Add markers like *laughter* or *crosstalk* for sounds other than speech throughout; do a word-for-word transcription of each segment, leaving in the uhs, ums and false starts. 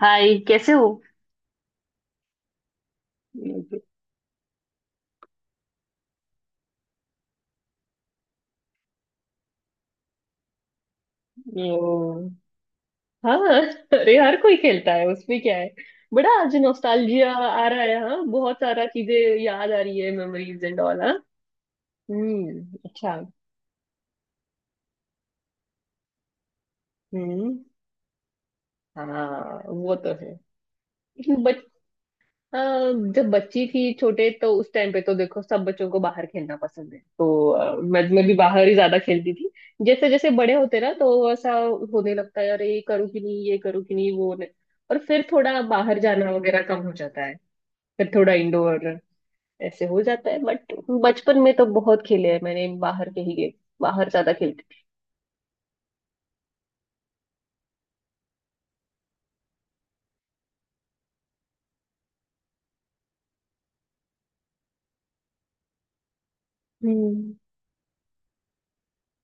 हाय, कैसे हो? ओ, हाँ। *laughs* अरे, हर कोई खेलता है, उसमें क्या है। बड़ा आज नॉस्टैल्जिया आ रहा है, हाँ, बहुत सारा चीजें याद आ रही है, मेमोरीज एंड ऑल। हाँ। हम्म, अच्छा। हम्म। हाँ, वो तो है। *laughs* अ, जब बच्ची थी छोटे, तो उस टाइम पे तो देखो, सब बच्चों को बाहर खेलना पसंद है, तो अ, मैं मैं भी बाहर ही ज्यादा खेलती थी। जैसे जैसे बड़े होते ना, तो ऐसा होने लगता है, अरे ये करूँ कि नहीं, ये करूँ कि नहीं, वो नहीं। और फिर थोड़ा बाहर जाना वगैरह कम हो जाता है। फिर थोड़ा इंडोर ऐसे हो जाता है, बट बचपन में तो बहुत खेले हैं मैंने, बाहर के ही गेम, बाहर ज्यादा खेलती थी। हम्म।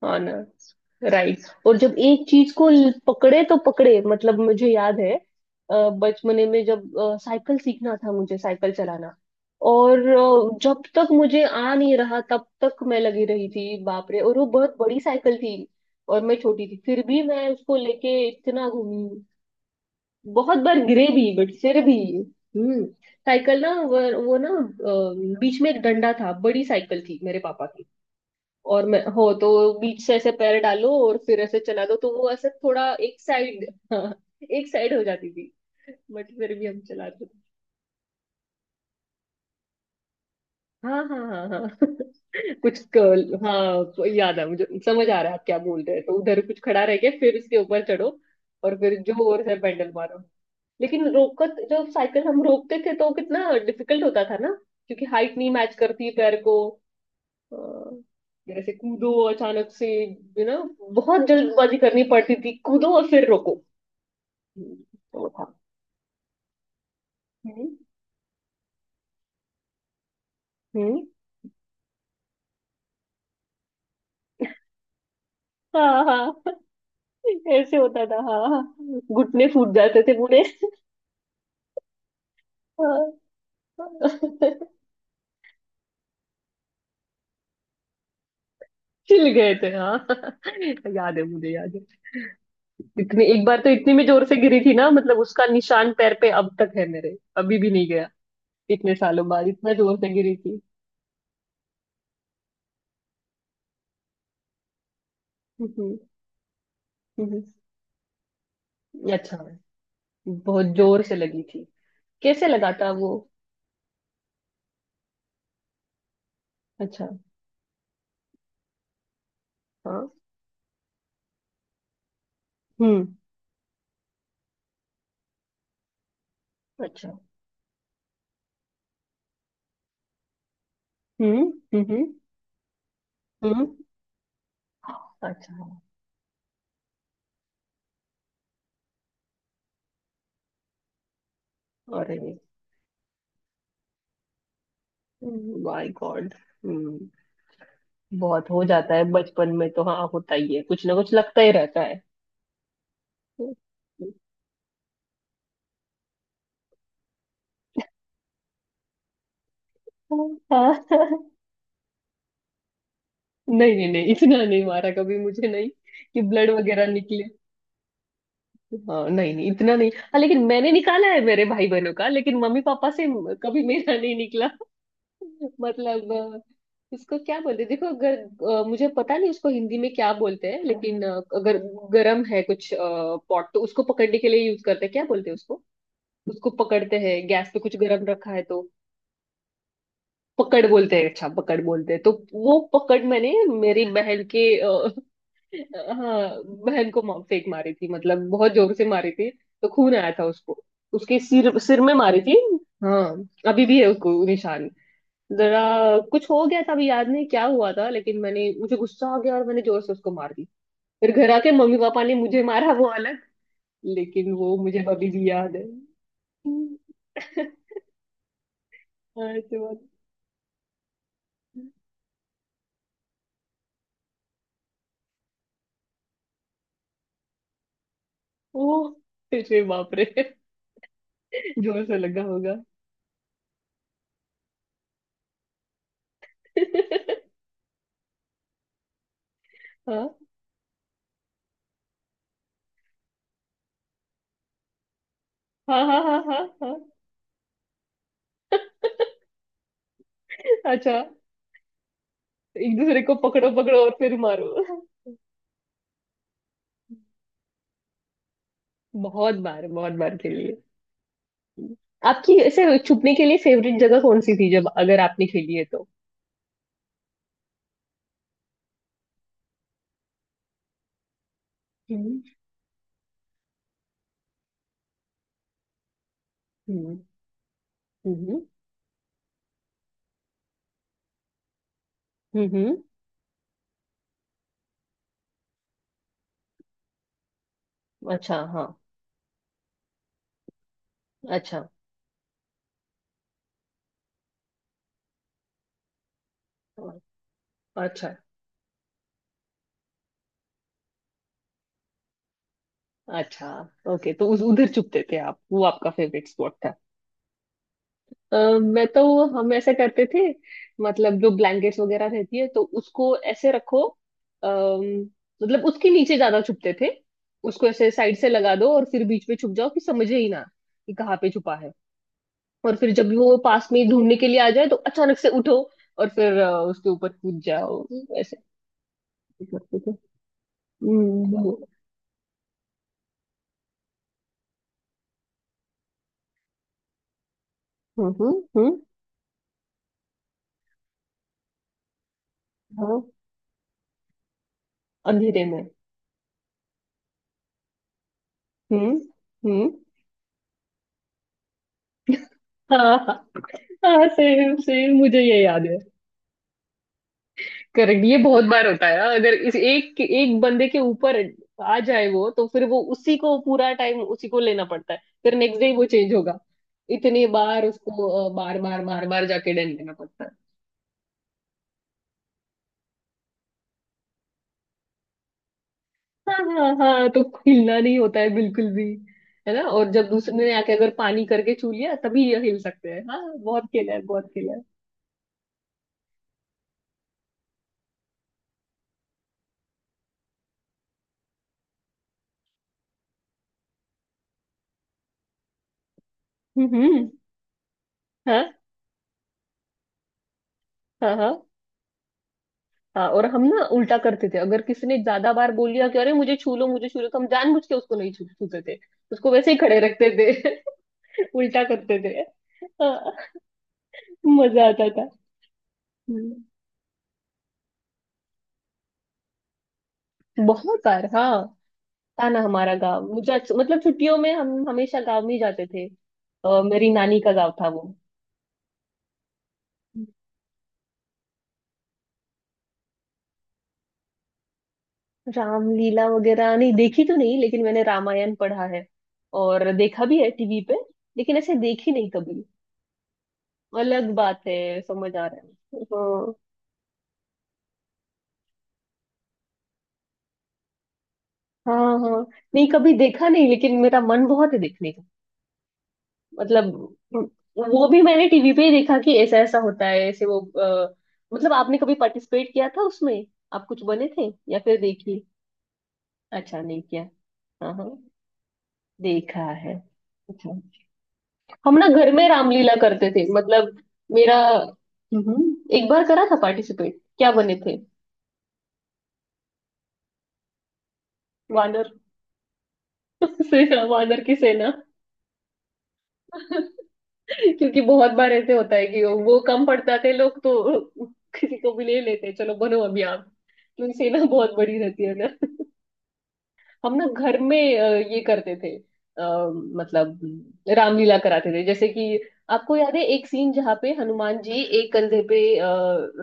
ऑनर्स। राइट। और जब एक चीज को ल- पकड़े तो पकड़े, मतलब मुझे याद है, अ, बचपने में जब अ, साइकिल सीखना था मुझे, साइकिल चलाना। और अ, जब तक मुझे आ नहीं रहा तब तक मैं लगी रही थी, बाप रे, और वो बहुत बड़ी साइकिल थी। और मैं छोटी थी, फिर भी मैं उसको लेके इतना घूमी। बहुत बार गिरे भी, बट फिर भी। हम्म। साइकिल ना, वो, वो ना, अ, बीच में एक डंडा था, बड़ी साइकिल थी मेरे पापा की। और मैं हो तो बीच से ऐसे पैर डालो और फिर ऐसे चला दो, तो वो ऐसे थोड़ा एक साइड, हाँ, एक साइड हो जाती थी। बट फिर भी हम चलाते थे। हाँ, हाँ, हाँ, हाँ। *laughs* कुछ कर्ल, हाँ, तो याद है मुझे, समझ आ रहा है आप क्या बोल रहे हैं, तो उधर कुछ खड़ा रह के फिर उसके ऊपर चढ़ो और फिर जोर से पैडल मारो। लेकिन रोकत जब साइकिल हम रोकते थे, तो कितना डिफिकल्ट होता था ना। क्योंकि हाइट नहीं मैच करती पैर को। हाँ, जैसे कूदो अचानक से, यू नो बहुत जल्दबाजी करनी पड़ती थी, कूदो और फिर रोको। हम्म। वो था। हम्म, हम्म। हाँ, हाँ। *laughs* ऐसे होता था, हाँ, हाँ। घुटने फूट जाते थे पूरे। हाँ। *laughs* छिल गए थे, हाँ, *laughs* याद है मुझे, याद है। इतनी एक बार तो इतनी में जोर से गिरी थी ना, मतलब उसका निशान पैर पे अब तक है मेरे, अभी भी नहीं गया। इतने सालों बाद इतना जोर से गिरी थी। हम्म, हम्म, हम्म। अच्छा, बहुत जोर से लगी। कैसे लगाता है वो? अच्छा। हाँ। हम्म। अच्छा। हम्म, हम्म, हम्म, हम्म। अच्छा। अरे, माय गॉड। हम्म। बहुत हो जाता है बचपन में तो, हाँ, होता ही है, कुछ ना कुछ लगता ही रहता है। हाँ। नहीं, नहीं, नहीं, इतना नहीं मारा कभी मुझे, नहीं, कि ब्लड वगैरह निकले। हाँ, नहीं, नहीं, इतना नहीं, हाँ, लेकिन मैंने निकाला है मेरे भाई बहनों का, लेकिन मम्मी पापा से कभी मेरा नहीं निकला। मतलब, अ, इसको क्या बोलते हैं? देखो, अगर अ, मुझे पता नहीं उसको हिंदी में क्या बोलते हैं, लेकिन अ, अगर गरम है कुछ पॉट, तो उसको पकड़ने के लिए यूज करते हैं, क्या बोलते हैं उसको? उसको पकड़ते हैं गैस पे कुछ गरम रखा है तो। पकड़ बोलते हैं? अच्छा, पकड़ बोलते हैं। तो वो पकड़ मैंने मेरी बहन के अ, *laughs* अ, हाँ, बहन को मा- फेंक मारी थी, मतलब बहुत जोर से मारी थी। तो खून आया था उसको, उसके सिर सिर में मारी थी। हाँ, अभी भी है उसको निशान। जरा कुछ हो गया था, अभी याद नहीं क्या हुआ था, लेकिन मैंने मुझे गुस्सा आ गया और मैंने जोर से उसको मार दी। फिर घर आके मम्मी पापा ने मुझे मारा वो अलग, लेकिन वो मुझे अभी भी याद है। *laughs* हाँ, ऐसी बात। ओ, अरे बाप रे, जोर से लगा होगा। *laughs* हाँ, हाँ, हाँ, हाँ, हाँ, हाँ। अच्छा, एक दूसरे को पकड़ो पकड़ो और फिर मारो। बहुत बार बहुत बार खेली है। आपकी ऐसे छुपने के लिए फेवरेट जगह कौन सी थी, जब अगर आपने खेली है तो? हम्म, हम्म, हम्म, हम्म। अच्छा। हाँ। अच्छा। हाँ, अच्छा, अच्छा। ओके, तो उस उधर चुपते थे आप, वो आपका फेवरेट स्पॉट था। अ, मैं तो, हम ऐसे करते थे, मतलब जो ब्लैंकेट्स वगैरह रहती है, तो उसको ऐसे रखो, अम, मतलब उसके नीचे ज्यादा छुपते थे। उसको ऐसे साइड से लगा दो और फिर बीच में छुप जाओ, कि समझे ही ना कि कहाँ पे छुपा है। और फिर जब वो पास में ढूंढने के लिए आ जाए, तो अचानक से उठो और फिर अ, उसके ऊपर कूद जाओ, ऐसे करते थे। हम्म, हम्म, हम्म, हम्म। हाँ। अंधेरे में। हम्म, हम्म। हाँ, हाँ, हाँ, सेम सेम, मुझे ये याद है। करेक्ट, ये बहुत बार होता है, अगर इस एक एक बंदे के ऊपर आ जाए वो, तो फिर वो उसी को पूरा टाइम, उसी को लेना पड़ता है, फिर नेक्स्ट डे वो चेंज होगा। इतने बार उसको बार बार बार बार जाके डंड लेना पड़ता है। हाँ, हाँ, हाँ तो, हिलना नहीं होता है बिल्कुल भी, है ना? और जब दूसरे ने आके अगर पानी करके छू लिया, तभी ये हिल सकते हैं। हाँ, बहुत खेला है, बहुत खेला है। हम्म, हम्म, हाँ, हाँ, हाँ, हाँ। और हम ना उल्टा करते थे, अगर किसी ने ज्यादा बार बोल लिया कि अरे मुझे छू लो, मुझे छू लो, तो हम जानबूझ के उसको नहीं छू छूते थे, उसको वैसे ही खड़े रखते थे। *laughs* उल्टा करते थे। हाँ, मजा आता था। हम्म, बहुत बार, हाँ, था ना हमारा गांव, मुझे अच्छा- मतलब छुट्टियों में हम हमेशा गांव में ही जाते थे। अ, मेरी नानी का गांव था वो। रामलीला वगैरह नहीं देखी तो नहीं, लेकिन मैंने रामायण पढ़ा है और देखा भी है टीवी पे, लेकिन ऐसे देखी नहीं कभी। अलग बात है, समझ आ रहा है, हाँ। हाँ, हाँ, नहीं कभी देखा नहीं, लेकिन मेरा मन बहुत है देखने का। मतलब वो भी मैंने टीवी पे ही देखा, कि ऐसा ऐसा होता है ऐसे वो, अ, मतलब आपने कभी पार्टिसिपेट किया था उसमें? आप कुछ बने थे? या फिर देखिए? अच्छा, नहीं किया। हाँ, हाँ, देखा है। अच्छा, हम ना घर में रामलीला करते थे, मतलब मेरा। हम्म, एक बार करा था पार्टिसिपेट? क्या बने थे? वानर? *laughs* सेना, वानर की सेना। क्योंकि बहुत बार ऐसे होता है कि वो कम पड़ जाते हैं लोग, तो किसी को भी ले लेते हैं, चलो बनो अभी आप, क्योंकि सेना बहुत बड़ी रहती है। हम ना घर में अ, ये करते थे, आ, मतलब रामलीला कराते थे, जैसे कि आपको याद है एक सीन जहाँ पे हनुमान जी एक कंधे पे अ,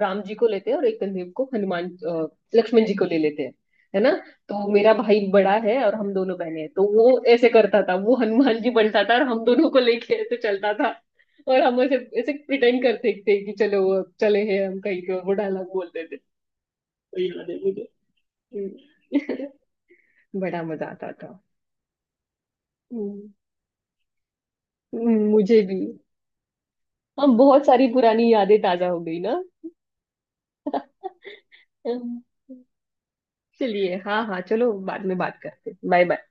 राम जी को लेते हैं और एक कंधे को हनुमान अ, लक्ष्मण जी को ले लेते हैं, है ना? तो मेरा भाई बड़ा है और हम दोनों बहने हैं, तो वो ऐसे करता था, वो हनुमान जी बनता था, और हम दोनों को लेके ऐसे चलता था। और हम ऐसे ऐसे प्रिटेंड करते थे कि चलो वो चले हैं हम कहीं पे, और वो डायलॉग बोलते थे, तो याद है मुझे। हम्म। *laughs* बड़ा मजा आता था। हम्म, मुझे भी। हम बहुत सारी पुरानी यादें ताजा हो गई ना। हम्म, चलिए, हाँ, हाँ, चलो बाद में बात करते, बाय बाय।